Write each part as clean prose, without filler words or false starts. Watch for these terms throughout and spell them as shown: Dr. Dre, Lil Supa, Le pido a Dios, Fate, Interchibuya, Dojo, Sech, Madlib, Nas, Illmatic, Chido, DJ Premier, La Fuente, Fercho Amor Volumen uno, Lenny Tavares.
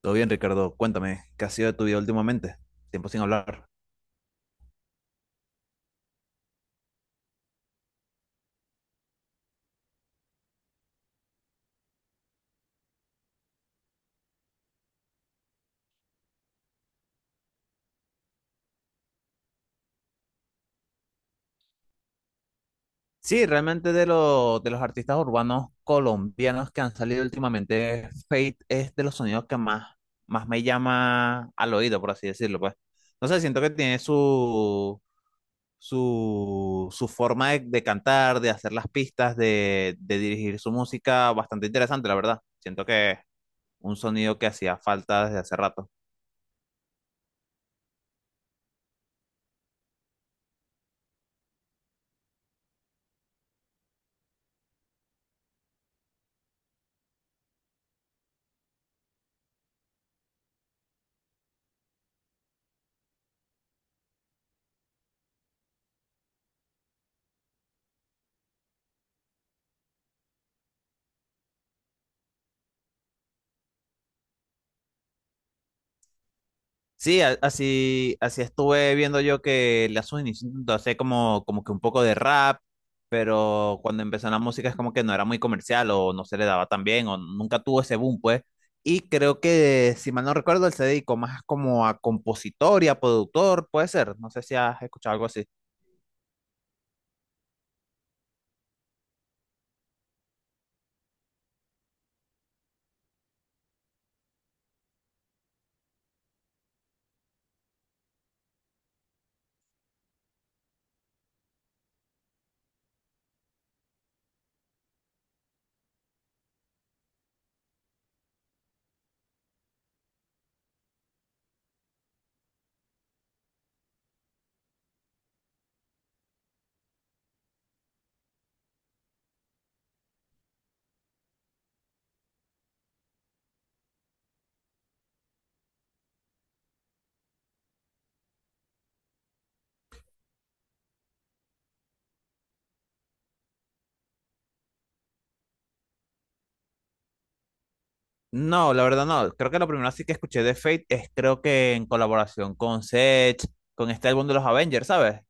Todo bien, Ricardo. Cuéntame, ¿qué ha sido de tu vida últimamente? Tiempo sin hablar. Sí, realmente de los artistas urbanos colombianos que han salido últimamente, Fate es de los sonidos que más me llama al oído, por así decirlo, pues. No sé, siento que tiene su forma de cantar, de hacer las pistas, de dirigir su música bastante interesante, la verdad. Siento que un sonido que hacía falta desde hace rato. Así, así estuve viendo yo que la Sony intentó hacer como que un poco de rap, pero cuando empezó la música es como que no era muy comercial o no se le daba tan bien o nunca tuvo ese boom, pues. Y creo que, si mal no recuerdo, él se dedicó más como a compositor y a productor, puede ser. No sé si has escuchado algo así. No, la verdad no. Creo que lo primero así que escuché de Fate es creo que en colaboración con Sech, con este álbum de los Avengers, ¿sabes?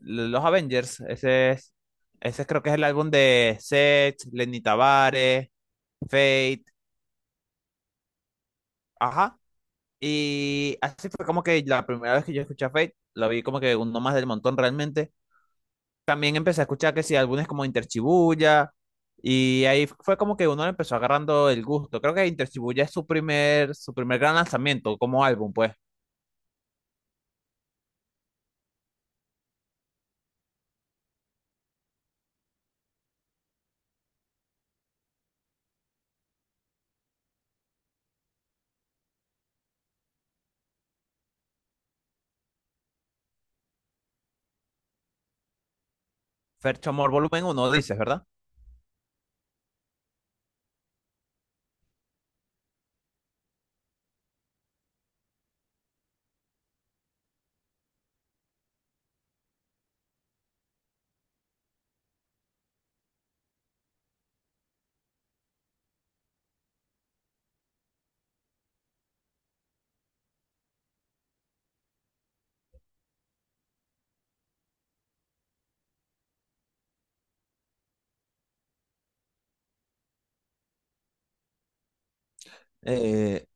Los Avengers, ese es, ese creo que es el álbum de Seth, Lenny Tavares, Fate, ajá. Y así fue como que la primera vez que yo escuché a Fate, lo vi como que uno más del montón realmente. También empecé a escuchar que sí, álbumes como Interchibuya, y ahí fue como que uno le empezó agarrando el gusto. Creo que Interchibuya es su su primer gran lanzamiento como álbum, pues. Fercho Amor Volumen uno, dices, ¿verdad? Eh,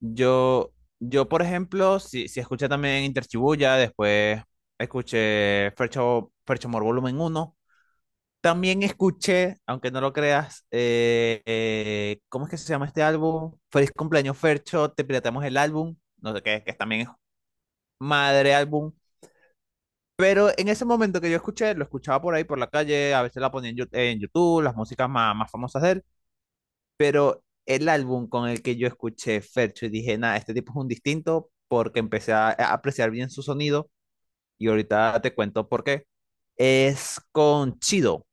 Yo, yo por ejemplo, si escuché también Interchibuya, después escuché Fercho, Ferchomor Volumen uno. También escuché, aunque no lo creas, ¿cómo es que se llama este álbum? Feliz cumpleaños, Fercho, te pirateamos el álbum. No sé qué, que también es madre álbum. Pero en ese momento que yo escuché, lo escuchaba por ahí, por la calle, a veces la ponía en, en YouTube, las músicas más famosas de él. Pero el álbum con el que yo escuché Fercho y dije, nada, este tipo es un distinto porque empecé a apreciar bien su sonido y ahorita te cuento por qué. Es con Chido.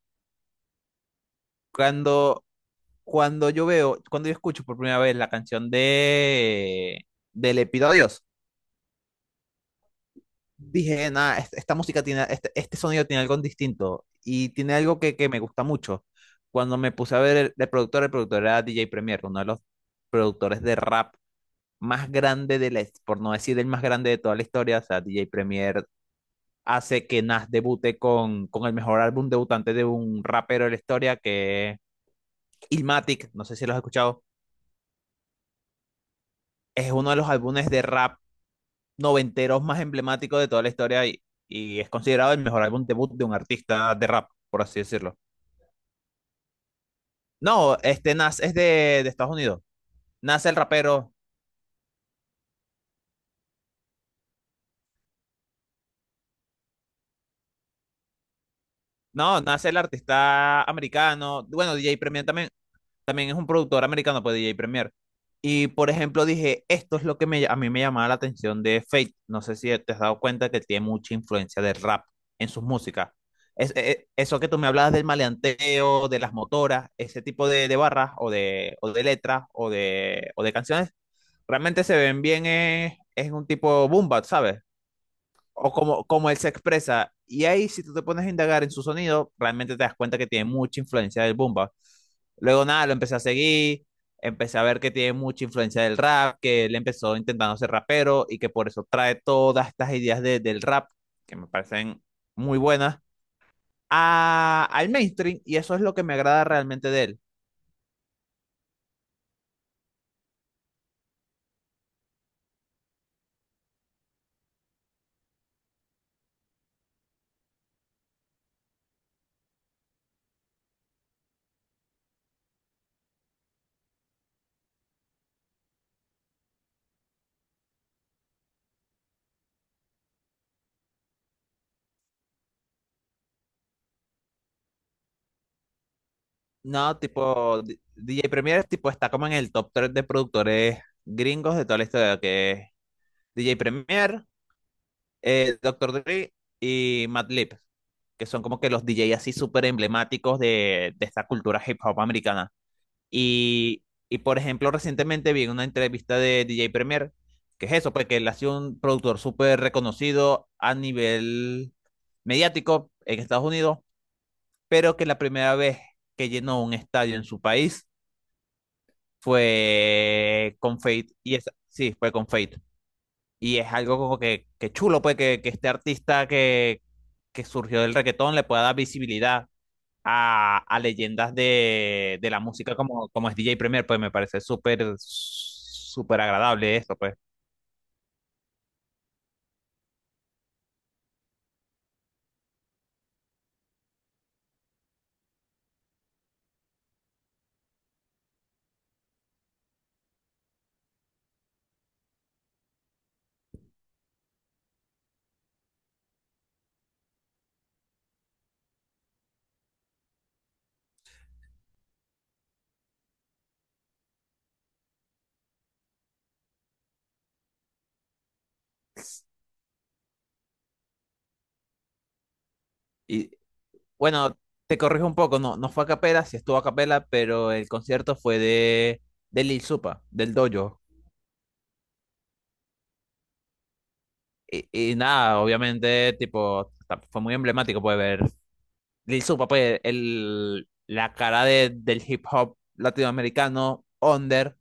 Cuando, cuando yo veo, cuando yo escucho por primera vez la canción de Le pido a Dios, dije, nada, esta, música tiene, este sonido tiene algo distinto y tiene algo que me gusta mucho. Cuando me puse a ver el productor era DJ Premier, uno de los productores de rap más grande de la, por no decir el más grande de toda la historia, o sea, DJ Premier hace que Nas debute con el mejor álbum debutante de un rapero de la historia, que es Illmatic, no sé si lo has escuchado, es uno de los álbumes de rap noventeros más emblemáticos de toda la historia y es considerado el mejor álbum debut de un artista de rap, por así decirlo. No, este Nas es de Estados Unidos, Nas el rapero, no, Nas el artista americano, bueno, DJ Premier también, también es un productor americano, pues D J Premier. Y por ejemplo dije, esto es lo que me, a mí me llamaba la atención de Fate. No sé si te has dado cuenta que tiene mucha influencia del rap en sus músicas. Es, eso que tú me hablabas del maleanteo, de las motoras, ese tipo de barras o de letras o de canciones, realmente se ven bien, es un tipo boom bap, ¿sabes? O como, como él se expresa. Y ahí, si tú te pones a indagar en su sonido, realmente te das cuenta que tiene mucha influencia del Bumba. Luego, nada, lo empecé a seguir, empecé a ver que tiene mucha influencia del rap, que él empezó intentando ser rapero y que por eso trae todas estas ideas del rap, que me parecen muy buenas, al mainstream. Y eso es lo que me agrada realmente de él. No, tipo, DJ Premier, tipo, está como en el top 3 de productores gringos de toda la historia, que es DJ Premier. Eh, Dr. Dre y Madlib, que son como que los DJ así súper emblemáticos de esta cultura hip hop americana. Y, y por ejemplo, recientemente vi una entrevista de DJ Premier, que es eso, pues que él ha sido un productor súper reconocido a nivel mediático en Estados Unidos, pero que la primera vez que llenó un estadio en su país fue con Fate, y esa, sí, fue con Fate. Y es algo como que chulo, pues, que este artista que surgió del reggaetón le pueda dar visibilidad a leyendas de la música como, como es DJ Premier, pues me parece súper, súper agradable esto, pues. Y bueno, te corrijo un poco, no, no fue a capela, sí estuvo a capela, pero el concierto fue de Lil Supa, del Dojo. Y nada, obviamente, tipo, fue muy emblemático, puede ver Lil Supa, pues, el, la cara de, del hip hop latinoamericano, Under,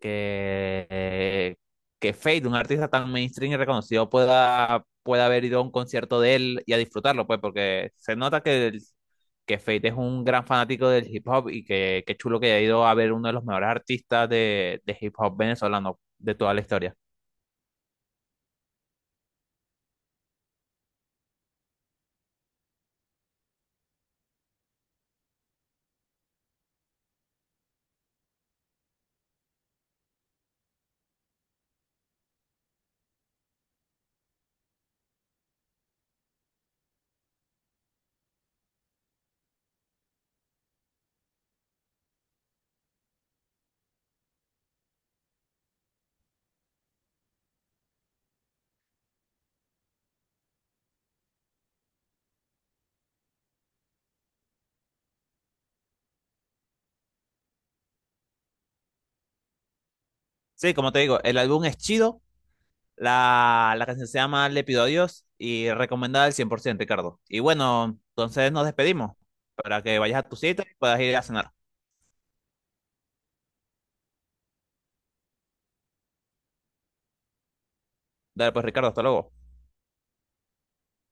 que, eh, que Fade, un artista tan mainstream y reconocido, pueda haber ido a un concierto de él y a disfrutarlo, pues, porque se nota que Fade es un gran fanático del hip hop y que, qué chulo que haya ido a ver uno de los mejores artistas de hip hop venezolano de toda la historia. Sí, como te digo, el álbum es chido. La canción se llama Le pido a Dios y recomendada al 100% Ricardo. Y bueno, entonces nos despedimos para que vayas a tu cita y puedas ir a cenar. Dale, pues, Ricardo, hasta luego.